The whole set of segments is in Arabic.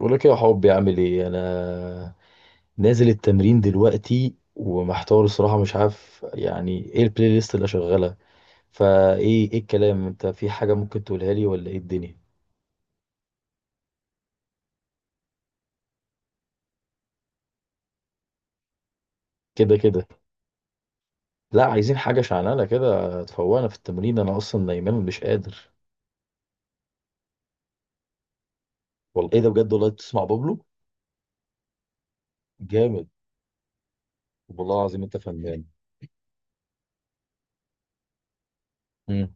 بقول لك إيه يا حبي، عامل ايه انا. نازل التمرين دلوقتي ومحتار الصراحه، مش عارف يعني ايه البلاي ليست اللي شغاله. فايه ايه الكلام، انت في حاجه ممكن تقولها لي ولا ايه الدنيا؟ كده كده. لا، عايزين حاجه شعلانه كده تفوقنا في التمرين، انا اصلا نايمان مش قادر. والله ايه ده بجد، والله بتسمع بابلو؟ جامد. والله العظيم انت فنان. مم.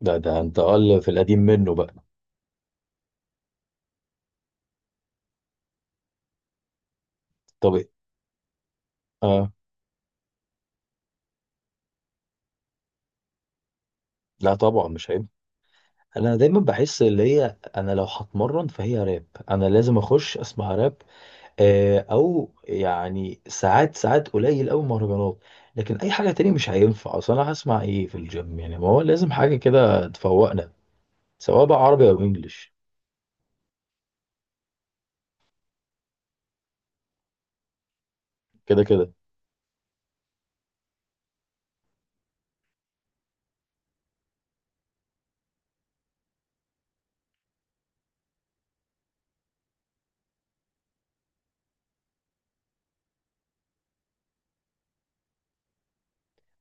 ده انت اقل في القديم منه بقى. طب إيه؟ اه. لا طبعا مش هينفع. انا دايما بحس اللي هي انا لو هتمرن فهي راب. انا لازم اخش اسمع راب. آه، او يعني ساعات ساعات قليل قوي مهرجانات. لكن اي حاجه تاني مش هينفع، اصل انا هسمع ايه في الجيم يعني، ما هو لازم حاجه كده تفوقنا. سواء بقى عربي او انجليش. كده كده.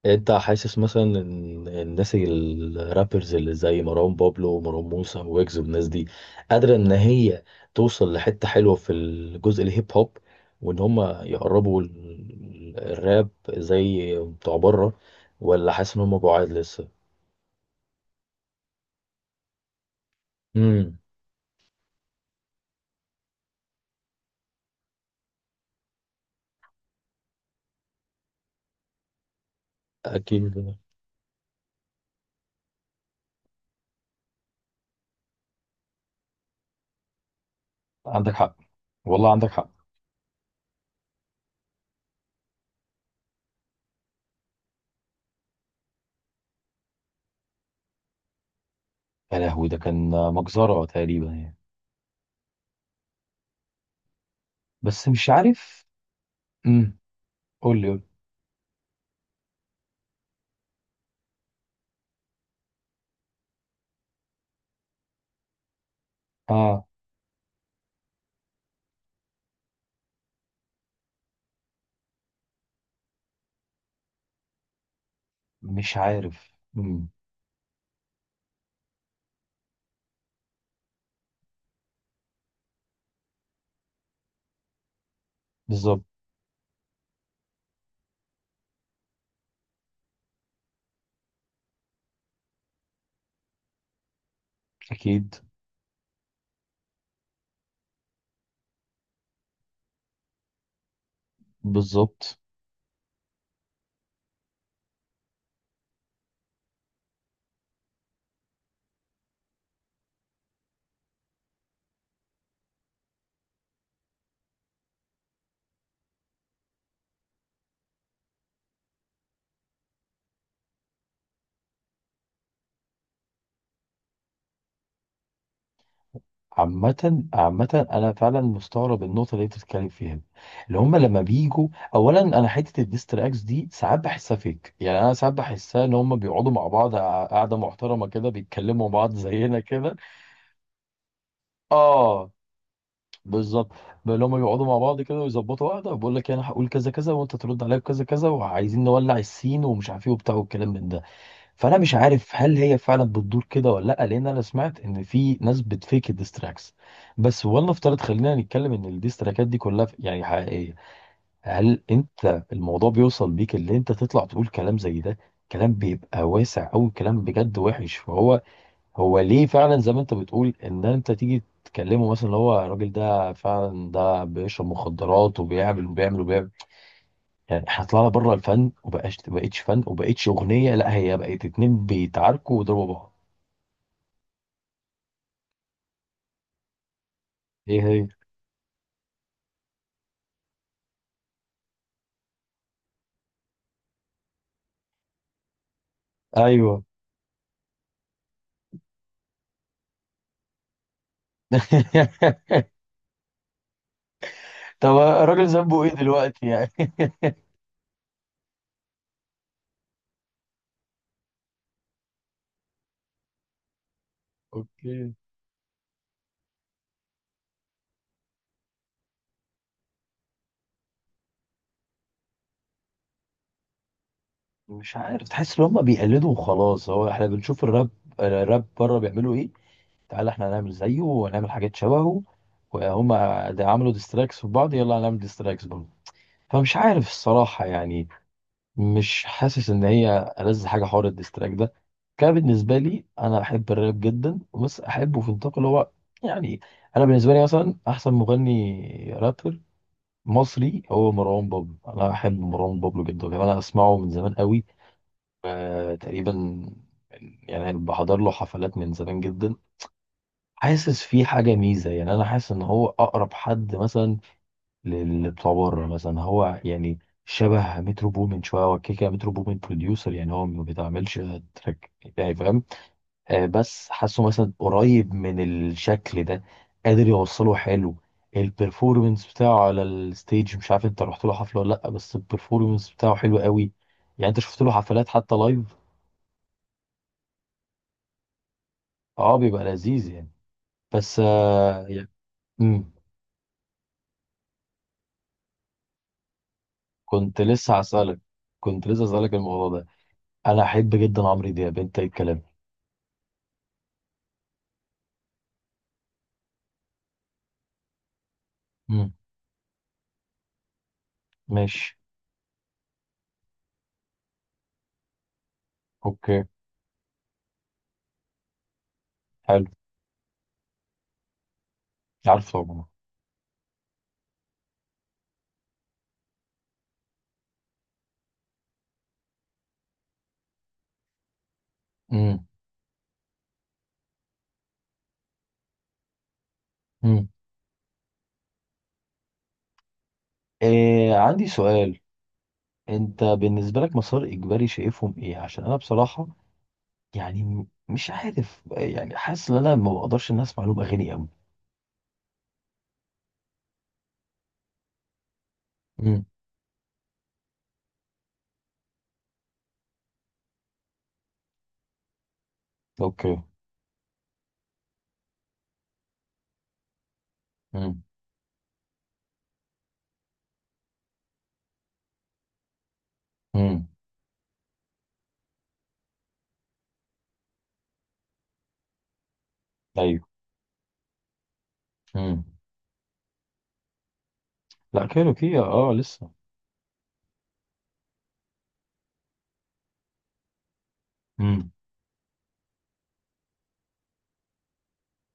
انت حاسس مثلا ان الناس الرابرز اللي زي مروان بابلو ومروان موسى ويجز والناس دي قادرة ان هي توصل لحتة حلوة في الجزء الهيب هوب، وان هم يقربوا الراب زي بتوع بره، ولا حاسس ان هم بعاد لسه؟ امم. اكيد. عندك حق، والله عندك حق. يا لهوي ده كان مجزرة تقريبا يعني. بس مش عارف. امم. قول لي قول لي. اه. مش عارف. امم. بالظبط. اكيد. بالظبط. عامة عامة أنا فعلا مستغرب النقطة اللي أنت بتتكلم فيها دي. اللي هما لما بيجوا، أولا أنا حتة الديستراكس دي ساعات بحسها فيك، يعني أنا ساعات بحسها إن هما بيقعدوا مع بعض قعدة محترمة كده بيتكلموا مع بعض زينا كده. آه. بالظبط. اللي هما بيقعدوا مع بعض كده ويظبطوا قعدة وبيقول لك أنا هقول كذا كذا وأنت ترد عليا بكذا كذا وعايزين نولع السين ومش عارف إيه وبتاع والكلام من ده. فانا مش عارف هل هي فعلا بتدور كده ولا لا، لان انا سمعت ان في ناس بتفيك الديستراكس. بس ولنفترض خلينا نتكلم ان الديستراكات دي كلها يعني حقيقيه، هل انت الموضوع بيوصل بيك اللي انت تطلع تقول كلام زي ده؟ كلام بيبقى واسع او كلام بجد وحش. فهو ليه فعلا زي ما انت بتقول ان انت تيجي تكلمه، مثلا اللي هو الراجل ده فعلا ده بيشرب مخدرات وبيعمل وبيعمل وبيعمل. يعني احنا طلعنا بره الفن وبقاش بقتش فن وبقتش اغنيه، لا هي بقت اتنين بيتعاركوا ويضربوا بعض. ايه هي؟ ايوه. طب الراجل ذنبه ايه دلوقتي يعني؟ اوكي. مش عارف، تحس ان هم بيقلدوا وخلاص، هو احنا بنشوف الراب بره بيعملوا ايه. تعالى احنا هنعمل زيه ونعمل حاجات شبهه. وهم ده عملوا ديستراكس في بعض، يلا هنعمل ديستراكس برضه. فمش عارف الصراحه يعني. مش حاسس ان هي ألذ حاجه حوار الديستراك ده كان. بالنسبه لي انا احب الراب جدا بس احبه في نطاق اللي هو، يعني انا بالنسبه لي مثلا احسن مغني رابر مصري هو مروان بابلو. انا احب مروان بابلو جدا، كمان انا اسمعه من زمان قوي. آه، تقريبا يعني بحضر له حفلات من زمان جدا. حاسس في حاجه ميزه، يعني انا حاسس ان هو اقرب حد مثلا للي بتوع بره مثلا، هو يعني شبه مترو بومن شويه، هو كيكا مترو بومن بروديوسر، يعني هو ما بيتعملش تراك يعني فاهم. آه بس حاسه مثلا قريب من الشكل ده، قادر يوصله حلو. البرفورمنس بتاعه على الستيج، مش عارف انت رحت له حفله ولا لا، بس البرفورمنس بتاعه حلو قوي. يعني انت شفت له حفلات حتى لايف. اه بيبقى لذيذ يعني. بس آه يعني. مم، كنت لسه هسألك كنت لسه هسألك الموضوع ده. انا احب جدا عمرو دياب، انت ايه الكلام؟ مم. ماشي. اوكي. حلو. عارفه عموما. امم. امم. إيه؟ عندي سؤال. انت بالنسبه لك مسار اجباري شايفهم ايه؟ عشان انا بصراحه يعني مش عارف، يعني حاسس ان انا ما بقدرش ان اسمع لهم اغاني قوي. امم. اوكي. امم. امم. ايوه. امم. لا كايروكي اه. آه، لسه. امم.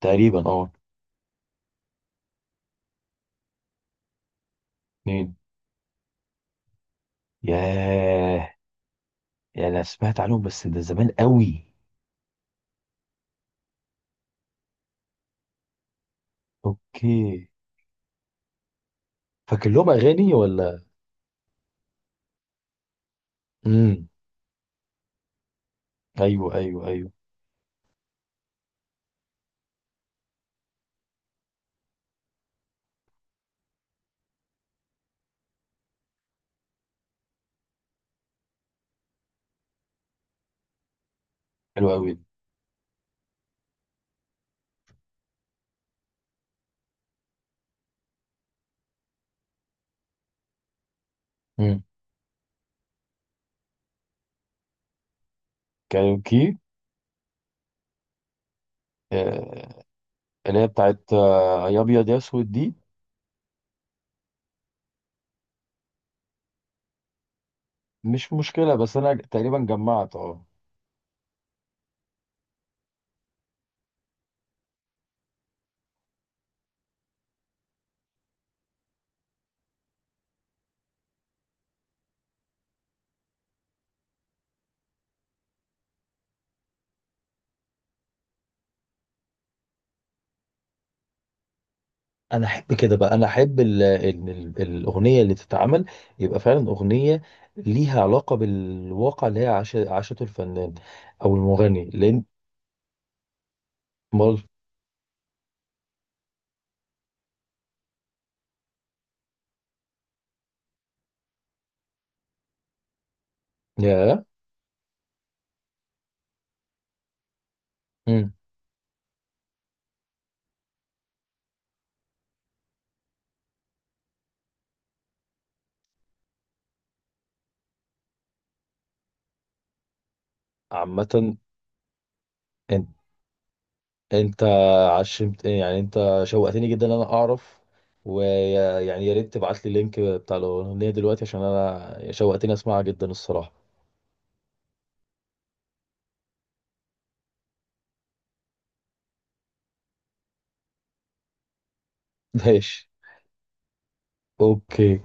تقريبا اه. اتنين. ياه. يعني انا سمعت عنهم بس ده زمان قوي. اوكي. فاكر لهم اغاني ولا؟ امم. ايوه ايوه ايوه. حلو قوي. مم. كاريوكي. آه، اللي هي بتاعت آه، يا ابيض يا اسود دي. مش مشكله، بس انا تقريبا جمعت اه. انا احب كده بقى، انا احب ال ال ال الاغنيه اللي تتعمل يبقى فعلا اغنيه ليها علاقه بالواقع اللي هي عاشته الفنان او المغني لان. مال. يا عامه، انت عشمت، يعني انت شوقتني جدا ان انا اعرف، ويعني يا ريت تبعت لي اللينك بتاع الاغنيه دلوقتي عشان انا شوقتني اسمعها جدا الصراحه. ماشي. اوكي.